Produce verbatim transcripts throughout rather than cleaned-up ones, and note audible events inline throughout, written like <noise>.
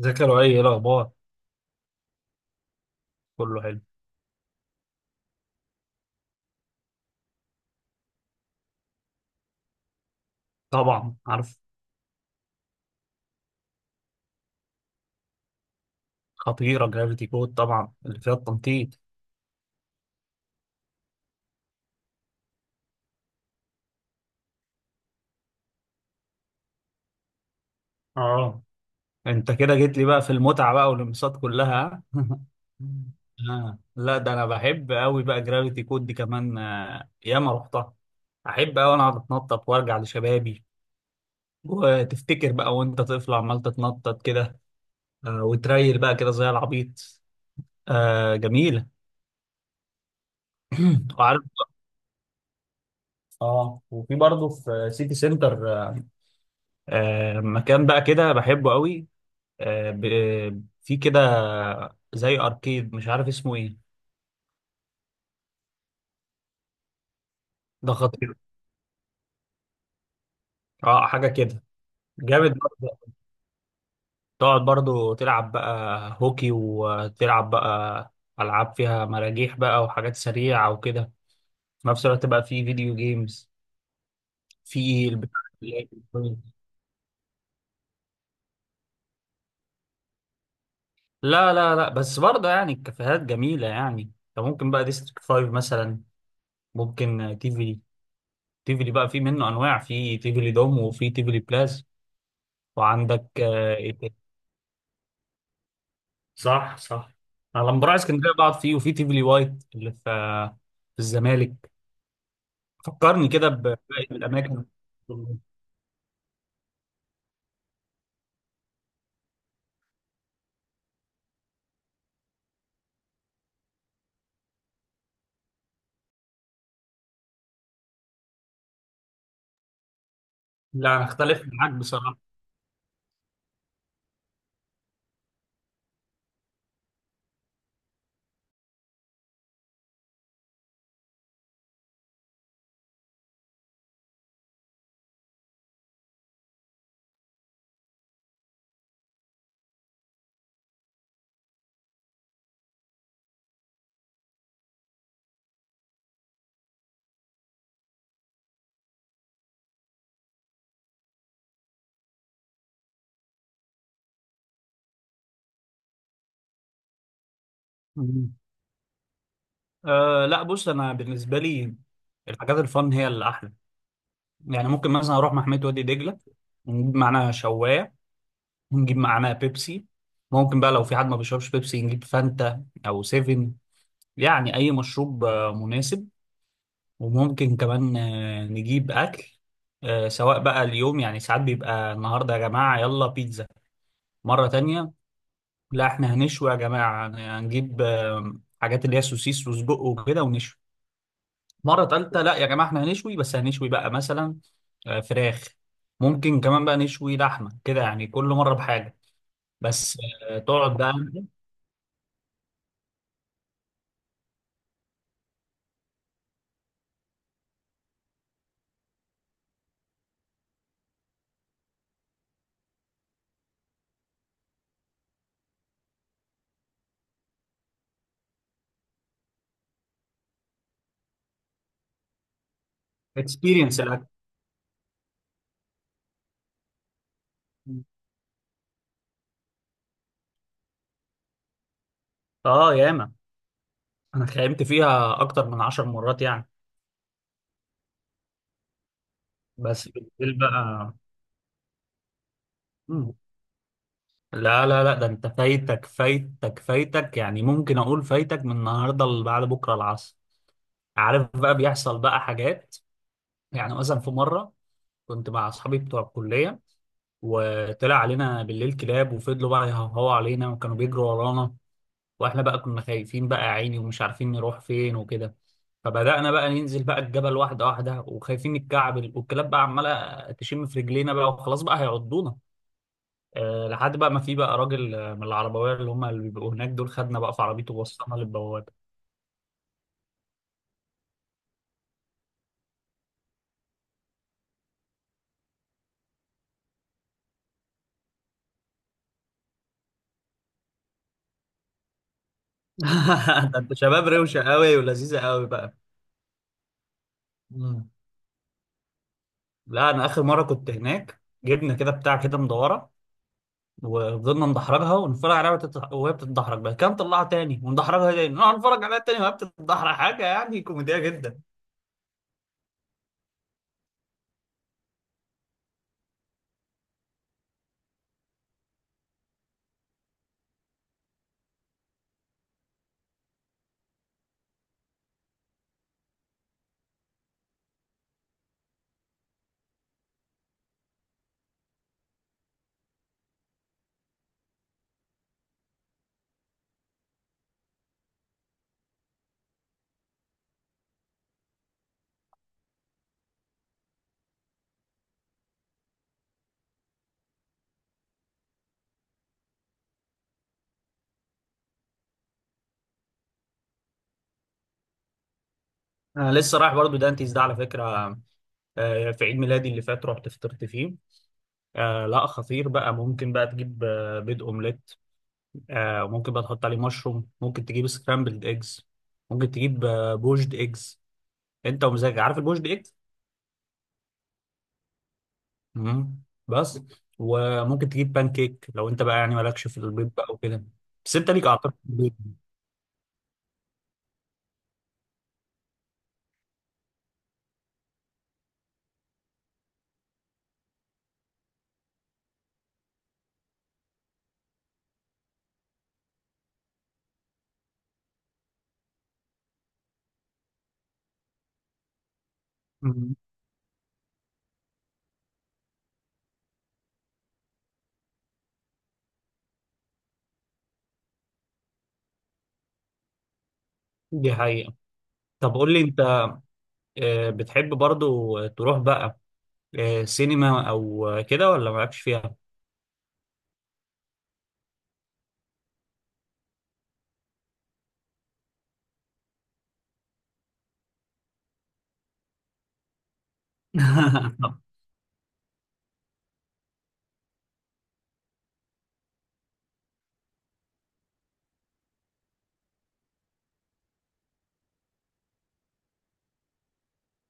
ازيك يا لؤي؟ ايه الاخبار؟ كله حلو. طبعا عارف. خطيره جرافيتي كود، طبعا اللي فيها التنطيط. اه. انت كده جيت لي بقى في المتعه بقى والانبساط كلها <laughs> آه. لا، ده انا بحب قوي بقى جرافيتي كود دي كمان، آه، ياما رحتها. احب قوي انا اقعد اتنطط وارجع لشبابي، وتفتكر بقى وانت طفل عمال تتنطط كده، آه، وتريل بقى كده زي العبيط. آه جميله. <clears throat> وعارف. اه وفي برضه في سيتي سنتر، آه، مكان بقى كده بحبه قوي، آه، ب- في كده زي اركيد مش عارف اسمه ايه. ده خطير. اه حاجه كده. جامد برضه، تقعد برضه تلعب بقى هوكي وتلعب بقى العاب فيها مراجيح بقى وحاجات سريعه وكده، في نفس الوقت بقى في فيديو جيمز. في البتاع اللي هي- الإلكترونية. لا لا لا، بس برضه يعني الكافيهات جميله، يعني انت ممكن بقى ديستريكت خمسة مثلا، ممكن تيفلي. تيفلي بقى في منه انواع، في تيفلي دوم وفي تيفلي بلاس. وعندك آه، ايه تاني؟ صح، صح. انا لما بروح اسكندريه بقعد فيه وفي تيفلي وايت اللي في في الزمالك. فكرني كده بباقي الاماكن. لا، انا اختلف معاك بصراحه. مم. أه لا، بص، انا بالنسبه لي الحاجات الفن هي اللي احلى. يعني ممكن مثلا اروح محميه وادي دجله، ونجيب معانا شوايه، ونجيب معانا بيبسي. ممكن بقى لو في حد ما بيشربش بيبسي نجيب فانتا او سيفن، يعني اي مشروب آه، مناسب. وممكن كمان آه، نجيب أكل، آه، سواء بقى اليوم، يعني ساعات بيبقى النهاردة يا جماعة يلا بيتزا. مرة تانية لا، احنا هنشوي يا جماعة، هن- هنجيب آه، حاجات اللي هي سوسيس وسجق وكده ونشوي. مرة تالتة لا يا جماعة، احنا هنشوي، بس هنشوي بقى مثلا آه، فراخ. ممكن كمان بقى نشوي لحمة كده، يعني كل مرة بحاجة. بس آه، تقعد بقى اكسبيرينس الأكل. اه ياما، انا خيمت فيها اكتر من عشر مرات يعني. بس بالليل بقى، لا لا لا، ده انت فايتك فايتك فايتك. يعني ممكن اقول فايتك من النهارده لبعد بكره العصر. عارف بقى بيحصل بقى حاجات. يعني مثلا في مره كنت مع اصحابي بتوع الكليه، وطلع علينا بالليل كلاب وفضلوا بقى يهوهوا علينا وكانوا بيجروا ورانا. واحنا بقى كنا خايفين بقى يا عيني، ومش عارفين نروح فين وكده. فبدأنا بقى ننزل بقى الجبل واحدة واحدة، وخايفين نتكعبل، والكلاب بقى عمالة تشم في رجلينا بقى وخلاص بقى هيعضونا، آه، لحد بقى ما في بقى راجل آه، من العربويه اللي هم اللي بيبقوا هناك دول، خدنا بقى في عربيته ووصلنا للبوابه. <laughs> ده انت شباب روشه قوي ولذيذه قوي بقى. مم. لا، انا اخر مره كنت هناك جبنا كده بتاع كده مدوره، وفضلنا ندحرجها ونتفرج عليها، وتت- وهي بتتدحرج بقى، كان طلعها تاني وندحرجها تاني نقعد نتفرج عليها تاني وهي بتتدحرج، حاجه يعني كوميديه جدا. انا لسه رايح برضو دانتيز ده على فكره، آه، في عيد ميلادي اللي فات رحت فطرت فيه. آه لا، خطير بقى، ممكن بقى تجيب آه، بيض اومليت، آه وممكن بقى تحط عليه مشروم، ممكن تجيب سكرامبلد ايجز، ممكن تجيب آه، بوجد ايجز. انت ومزاجك عارف البوجد ايجز. مم. بس، وممكن تجيب بان كيك لو انت بقى يعني مالكش في البيض بقى وكده. بس انت ليك اعتقد في البيض. مم. دي حقيقة. طب قول لي انت، آه، بتحب برضو تروح بقى آه، سينما او آه، كده ولا مالكش فيها؟ <laughs> طب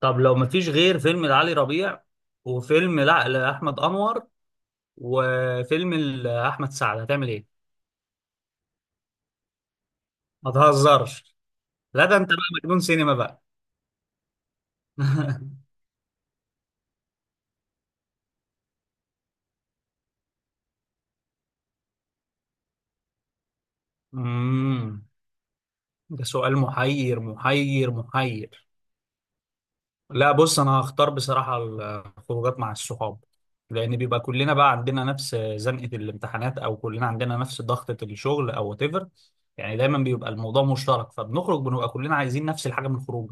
طب لو مفيش غير فيلم لعلي ربيع، وفيلم لا لأحمد أنور، وفيلم لأحمد سعد، هتعمل ايه؟ ما تهزرش. لا، ده انت بقى مجنون سينما بقى. <laughs> امم. ده سؤال محير محير محير. لا بص، انا هختار بصراحة الخروجات مع الصحاب. لان بيبقى كلنا بقى عندنا نفس زنقة الامتحانات، او كلنا عندنا نفس ضغطة الشغل او whatever. يعني دايما بيبقى الموضوع مشترك، فبنخرج بنبقى كلنا عايزين نفس الحاجة من الخروج.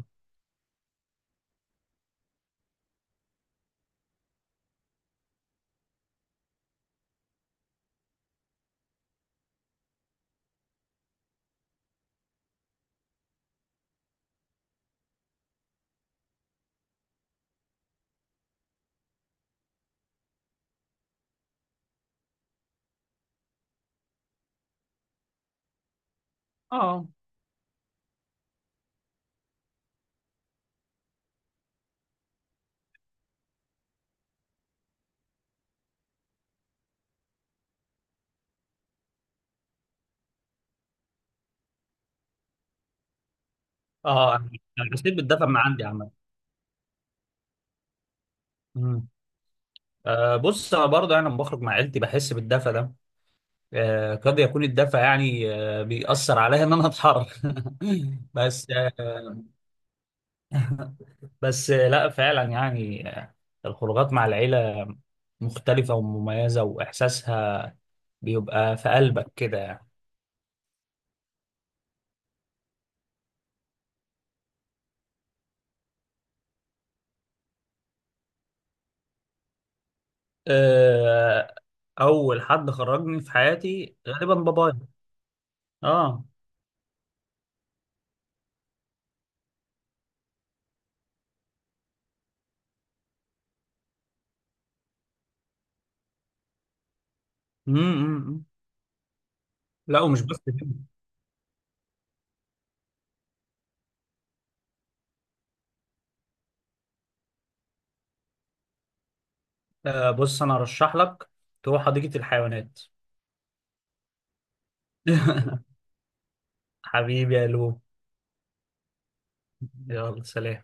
اه. اه، انا حسيت بالدفى من عندي عامة. مم. آه بص، انا برضه انا لما بخرج مع عيلتي بحس بالدفى ده، آه، قد يكون الدفع يعني آه، بيأثر عليها إن أنا أتحرك. <laughs> بس آه، بس آه، لا فعلا يعني، آه، الخروجات مع العيلة مختلفة ومميزة، وإحساسها بيبقى في قلبك كده يعني. آه، أول حد خرجني في حياتي غالبا بابايا. آه. امم. لا، ومش بس كده. آه، بص أنا أرشح لك تروح حديقة الحيوانات. <laughs> حبيبي يا لو. يلا سلام.